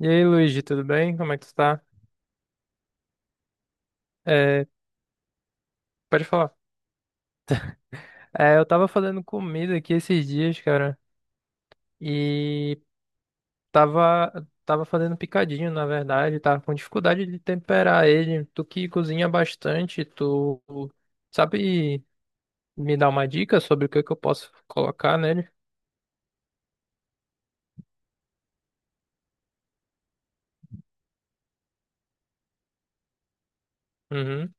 E aí, Luigi, tudo bem? Como é que tu tá? É, pode falar. É, eu tava fazendo comida aqui esses dias, cara, e tava fazendo picadinho, na verdade, tava com dificuldade de temperar ele. Tu que cozinha bastante, tu sabe me dar uma dica sobre o que que eu posso colocar nele? Uhum.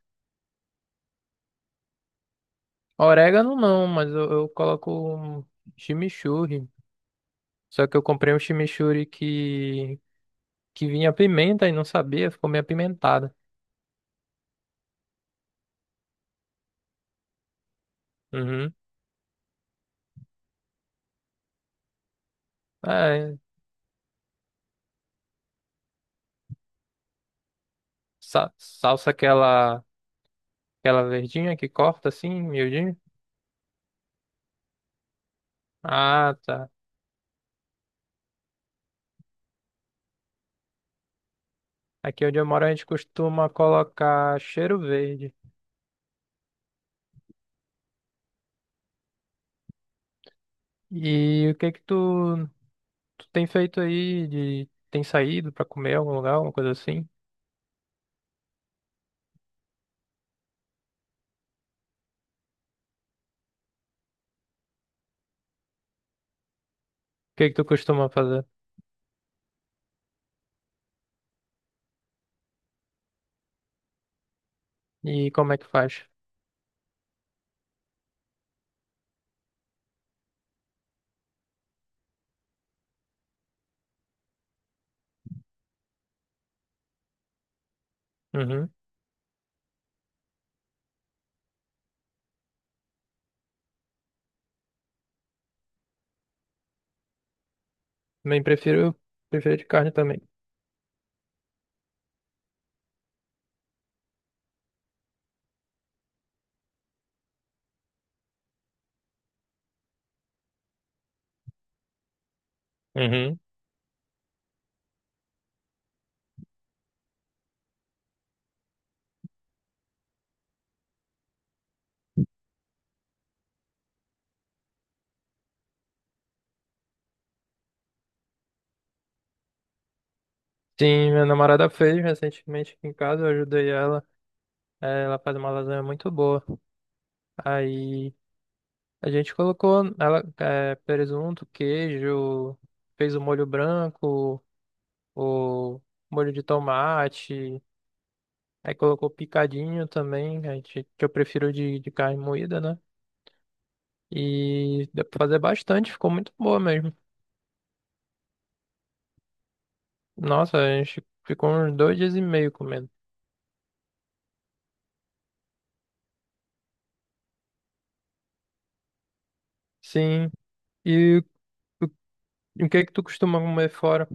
Orégano não, mas eu coloco um chimichurri. Só que eu comprei um chimichurri que vinha pimenta e não sabia, ficou meio apimentado. Uhum. É, salsa aquela, aquela verdinha que corta assim, miudinho? Ah, tá. Aqui onde eu moro a gente costuma colocar cheiro verde. E o que que tu tem feito aí de tem saído pra comer em algum lugar, alguma coisa assim? O que que tu costuma fazer? E como é que faz? Uhum. Bem, prefiro de carne também. Uhum. Sim, minha namorada fez recentemente aqui em casa, eu ajudei ela. Ela faz uma lasanha muito boa. Aí a gente colocou ela, presunto, queijo, fez o molho branco, o molho de tomate, aí colocou picadinho também, a gente, que eu prefiro de carne moída, né? E deu pra fazer bastante, ficou muito boa mesmo. Nossa, a gente ficou uns 2 dias e meio comendo. Sim, e o que é que tu costuma comer fora?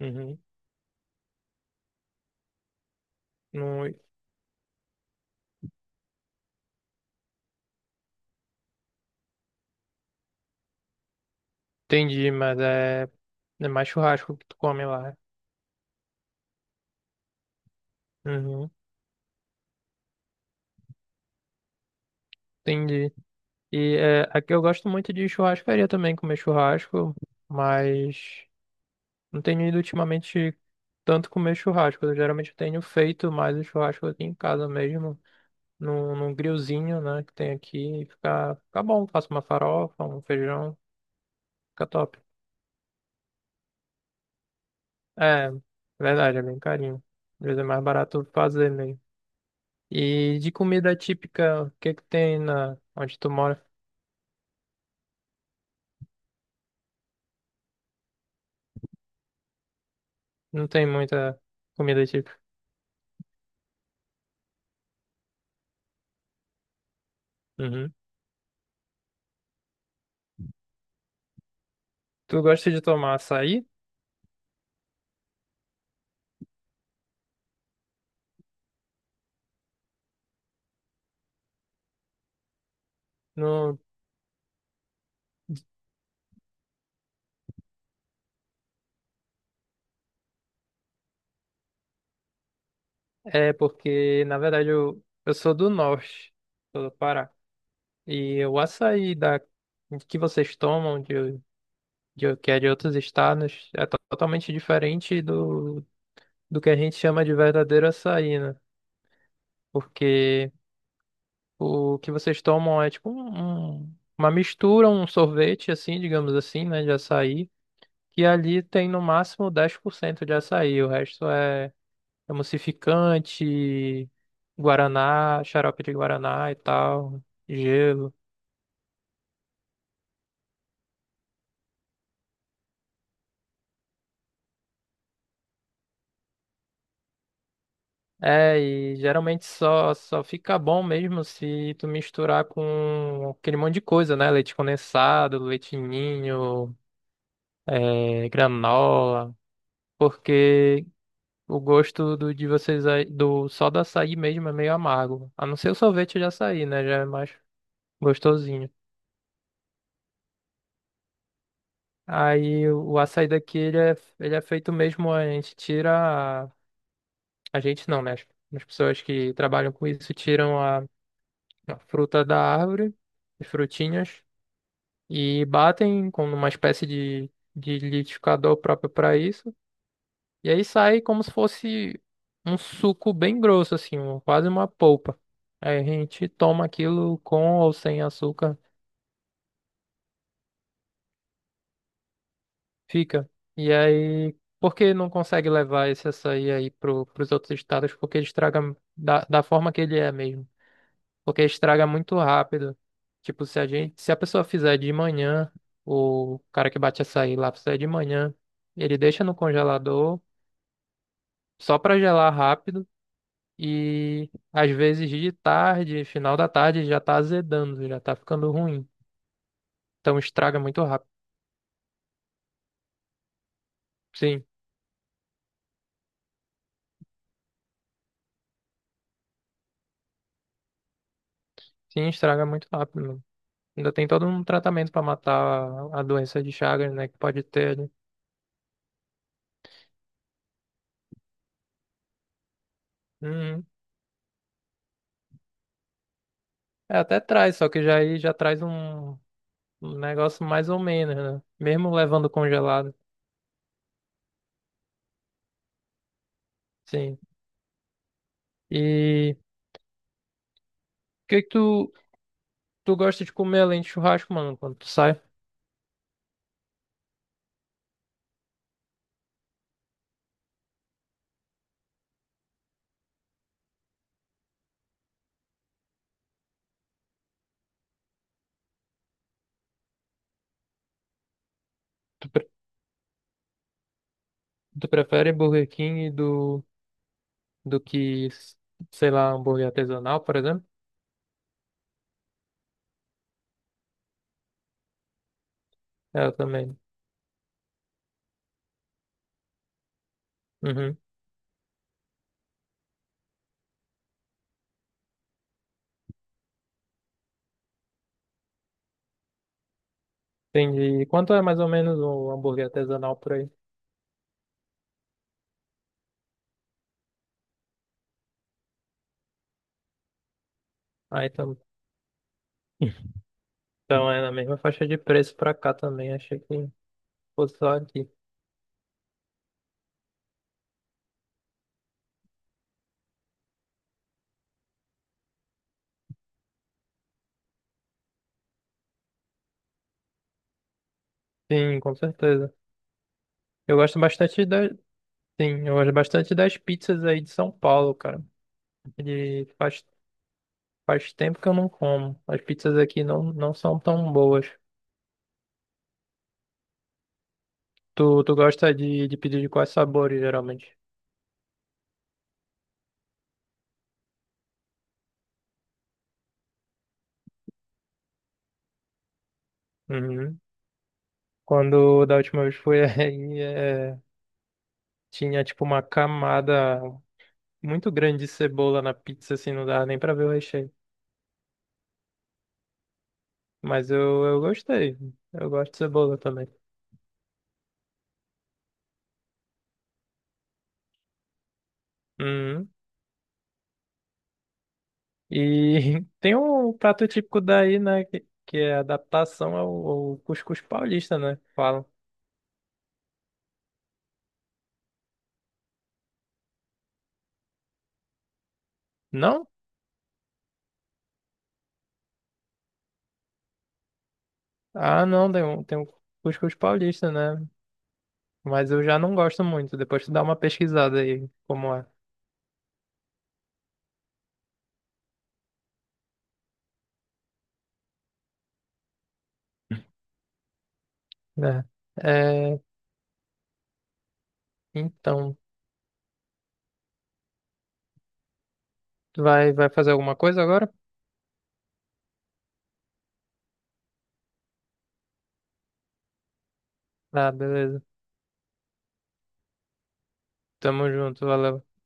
Uhum. Não entendi, mas é mais churrasco que tu come lá. Uhum. Entendi. E aqui eu gosto muito de churrascaria também, comer churrasco, mas não tenho ido ultimamente tanto comer churrasco. Eu geralmente tenho feito mais o churrasco aqui em casa mesmo, num grillzinho, né, que tem aqui. Fica bom, faço uma farofa, um feijão, fica top. É, verdade, é bem carinho. Às vezes é mais barato fazer mesmo. E de comida típica, o que que tem na onde tu mora? Não tem muita comida típica. Uhum. Tu gosta de tomar açaí? No- É porque, na verdade, eu sou do norte, sou do Pará. E o açaí que vocês tomam, que é de outros estados, é totalmente diferente do que a gente chama de verdadeiro açaí, né? Porque o que vocês tomam é tipo uma mistura, um sorvete, assim, digamos assim, né, de açaí, que ali tem no máximo 10% de açaí, o resto é emulsificante, guaraná, xarope de guaraná e tal, gelo. É, e geralmente só fica bom mesmo se tu misturar com aquele monte de coisa, né? Leite condensado, leite ninho, granola, porque o gosto de vocês aí, do só do açaí mesmo é meio amargo. A não ser o sorvete de açaí, né? Já é mais gostosinho. Aí o açaí daqui ele é, feito mesmo, a gente não, né? As pessoas que trabalham com isso tiram a fruta da árvore, as frutinhas, e batem com uma espécie de liquidificador próprio para isso. E aí sai como se fosse um suco bem grosso, assim, quase uma polpa. Aí a gente toma aquilo com ou sem açúcar, fica. E aí, por que não consegue levar esse açaí aí pros outros estados? Porque ele estraga da forma que ele é mesmo. Porque estraga muito rápido. Tipo, se a pessoa fizer de manhã, o cara que bate açaí lá fizer de manhã, ele deixa no congelador só pra gelar rápido e às vezes de tarde, final da tarde já tá azedando, já tá ficando ruim. Então estraga muito rápido. Sim, sim, estraga muito rápido, mano. Ainda tem todo um tratamento pra matar a doença de Chagas, né, que pode ter, né? Uhum. É, até traz, só que já aí já traz um negócio mais ou menos, né? Mesmo levando congelado. Sim. E o que é que tu gosta de comer além de churrasco, mano, quando tu sai? Tu, pre- Tu prefere Burger King do que, sei lá, hambúrguer artesanal, por exemplo? É, eu também. Uhum. Entendi. E quanto é mais ou menos um hambúrguer artesanal por aí? Ah, então é na mesma faixa de preço pra cá também. Achei que fosse só aqui. Sim, com certeza. Eu gosto bastante sim, eu gosto bastante das pizzas aí de São Paulo, cara. E faz tempo que eu não como. As pizzas aqui não são tão boas. Tu gosta de pedir de quais sabores, geralmente? Uhum. Quando da última vez foi aí, tinha tipo uma camada muito grande de cebola na pizza, assim, não dava nem pra ver o recheio. Mas eu gostei. Eu gosto de cebola também. Uhum. E tem um prato típico daí, né? Que é adaptação ao cuscuz paulista, né? Falam. Não? Ah, não, tem, tem o cuscuz paulista, né? Mas eu já não gosto muito. Depois tu dá uma pesquisada aí como é, né? É, então, tu vai fazer alguma coisa agora? Ah, beleza. Tamo junto, valeu.